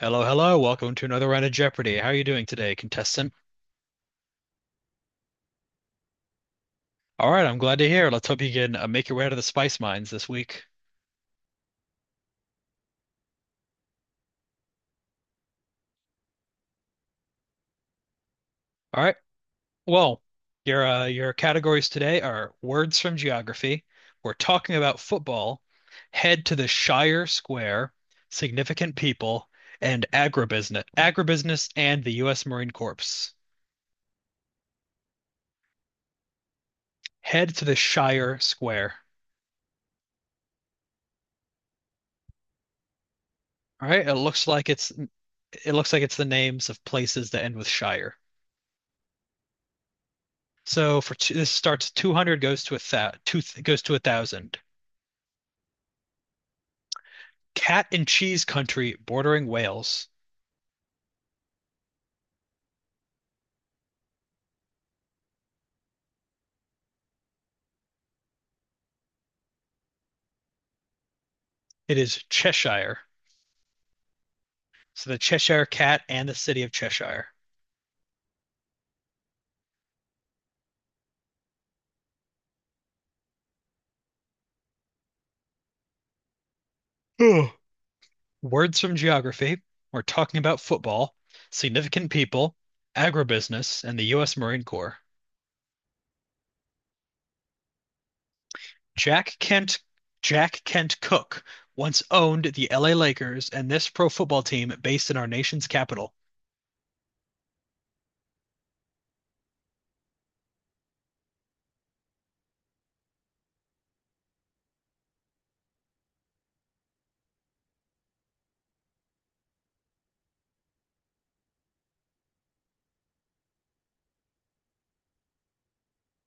Hello, hello. Welcome to another round of Jeopardy. How are you doing today, contestant? All right, I'm glad to hear. Let's hope you can make your way out of the spice mines this week. All right. Well, your categories today are words from geography. We're talking about football. Head to the Shire Square, significant people, and agribusiness, and the U.S. Marine Corps. Head to the Shire Square. All right. It looks like it's the names of places that end with Shire. So for two, this starts 200 goes to a thousand. Cat and cheese country bordering Wales. It is Cheshire. So the Cheshire Cat and the city of Cheshire. Ugh. Words from geography. We're talking about football, significant people, agribusiness, and the U.S. Marine Corps. Jack Kent, Jack Kent Cook once owned the LA Lakers and this pro football team based in our nation's capital.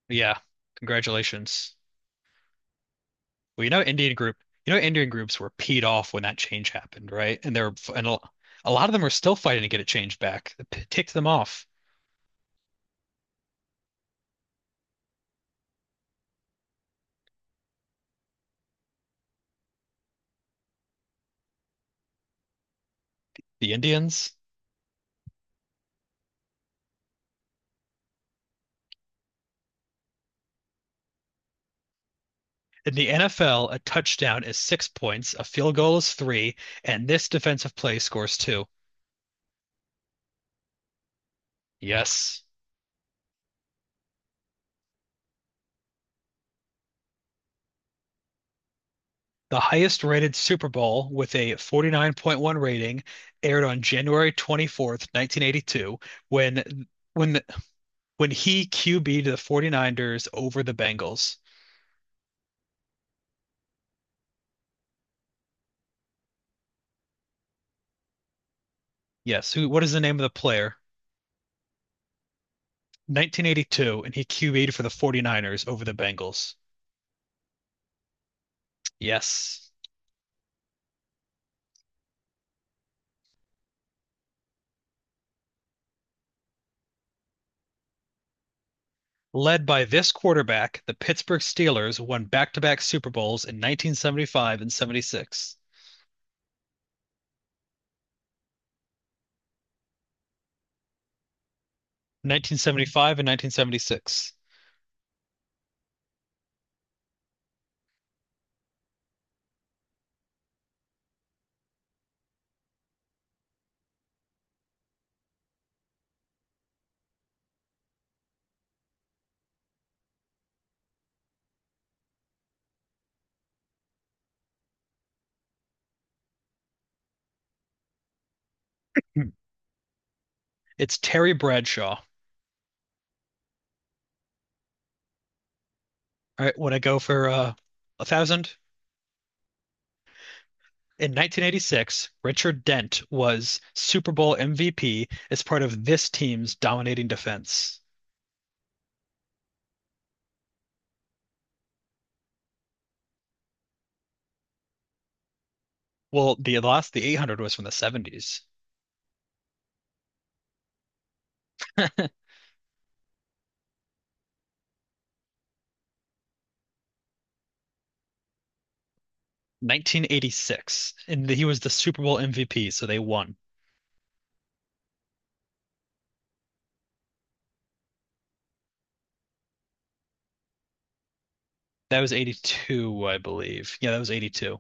Yeah, congratulations. Well, Indian groups were peed off when that change happened, right? And they're and a lot of them are still fighting to get it changed back. It ticked them off. The Indians. In the NFL, a touchdown is 6 points, a field goal is three, and this defensive play scores two. Yes. The highest rated Super Bowl with a 49.1 rating aired on January 24th, 1982, when when the- when he QB'd the 49ers over the Bengals. Yes, who what is the name of the player? 1982, and he QB'd for the 49ers over the Bengals. Yes. Led by this quarterback, the Pittsburgh Steelers won back-to-back Super Bowls in 1975 and 76. 1975 and 1976. Hmm. It's Terry Bradshaw. All right, when I go for a thousand. In 1986, Richard Dent was Super Bowl MVP as part of this team's dominating defense. Well, the 800 was from the 70s. 1986, and he was the Super Bowl MVP, so they won. That was 82, I believe. Yeah, that was 82.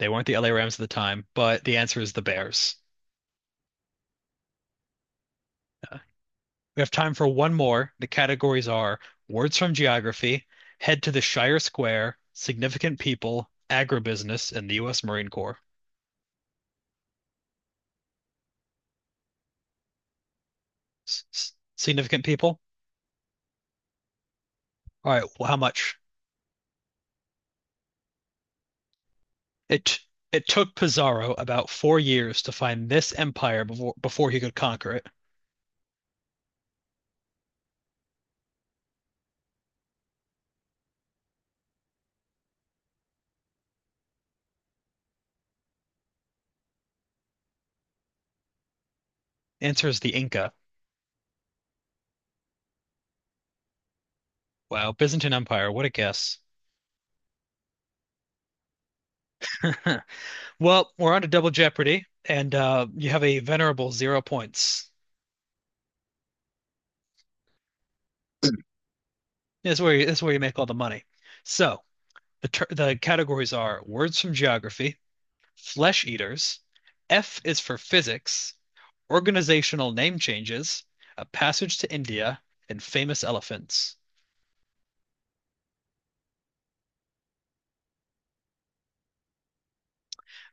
They weren't the LA Rams at the time, but the answer is the Bears. Uh, we have time for one more. The categories are words from geography, head to the Shire Square, significant people, agribusiness, and the U.S. Marine Corps. S- Significant people? All right, well, how much? It it took Pizarro about 4 years to find this empire before he could conquer it. Answer is the Inca. Wow, Byzantine Empire, what a guess. Well, we're on to Double Jeopardy, and you have a venerable 0 points. That's where you make all the money. So the categories are words from geography, flesh eaters, F is for physics, organizational name changes, a passage to India, and famous elephants.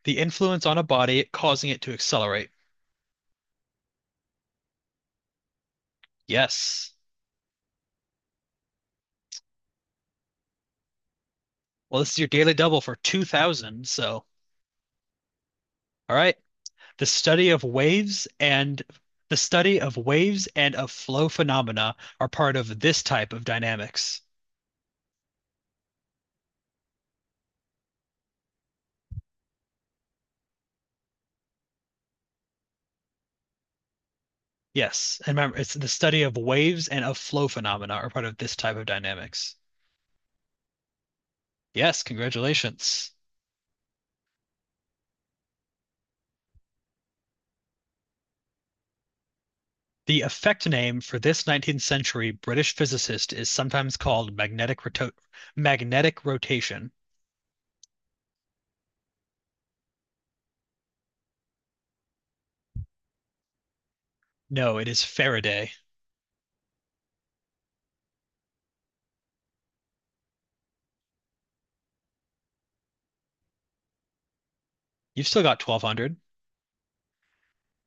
The influence on a body causing it to accelerate. Yes. Well, this is your daily double for 2000, so all right. the study of waves and the study of waves and of flow phenomena are part of this type of dynamics. Yes, and remember, it's the study of waves and of flow phenomena are part of this type of dynamics. Yes, congratulations. The effect name for this 19th century British physicist is sometimes called magnetic rotation. No, it is Faraday. You've still got 1200.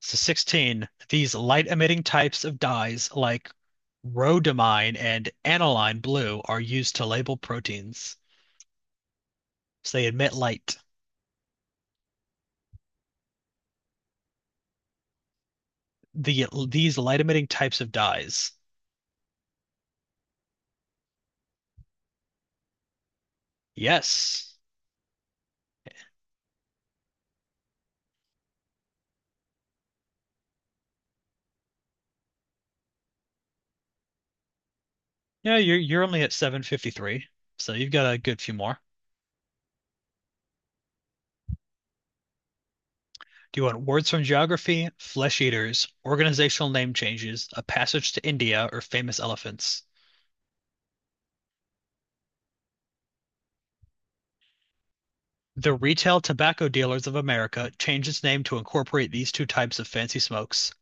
So 16, these light emitting types of dyes like rhodamine and aniline blue are used to label proteins. So they emit light. These light emitting types of dyes. Yes. Yeah, you're only at 753, so you've got a good few more. Do you want words from geography, flesh eaters, organizational name changes, a passage to India, or famous elephants? The Retail Tobacco Dealers of America changed its name to incorporate these two types of fancy smokes.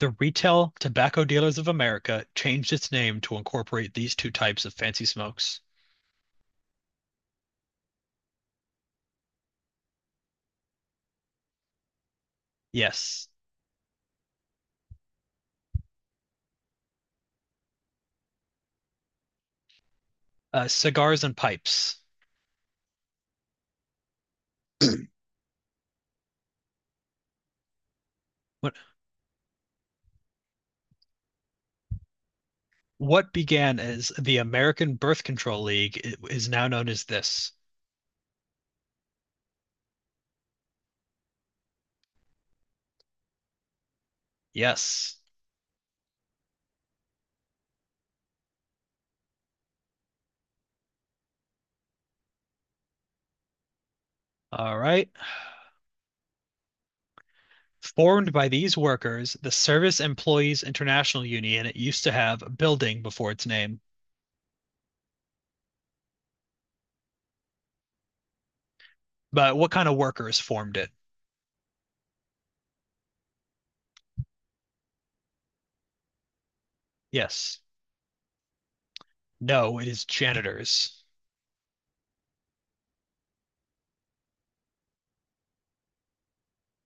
The Retail Tobacco Dealers of America changed its name to incorporate these two types of fancy smokes. Yes, cigars and pipes. What, what began as the American Birth Control League is now known as this. Yes. All right. Formed by these workers, the Service Employees International Union used to have a building before its name. But what kind of workers formed it? Yes. No, it is janitors.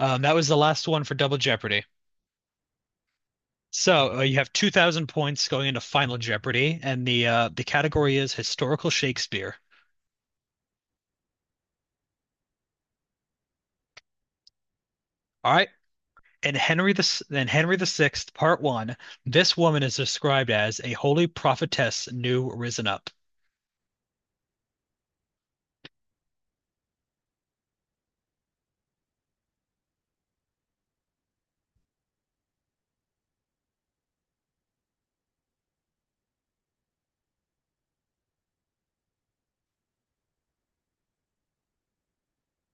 That was the last one for Double Jeopardy. So you have 2,000 points going into Final Jeopardy, and the category is historical Shakespeare. All right. In Henry the Sixth, Part One, this woman is described as a holy prophetess new risen up.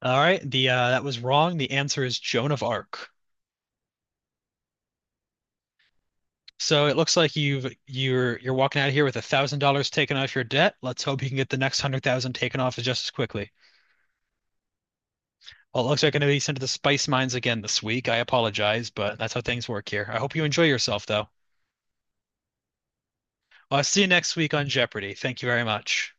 All right. The that was wrong. The answer is Joan of Arc. So it looks like you're walking out of here with $1,000 taken off your debt. Let's hope you can get the next 100,000 taken off just as quickly. Well, it looks like I'm going to be sent to the spice mines again this week. I apologize, but that's how things work here. I hope you enjoy yourself, though. Well, I'll see you next week on Jeopardy. Thank you very much.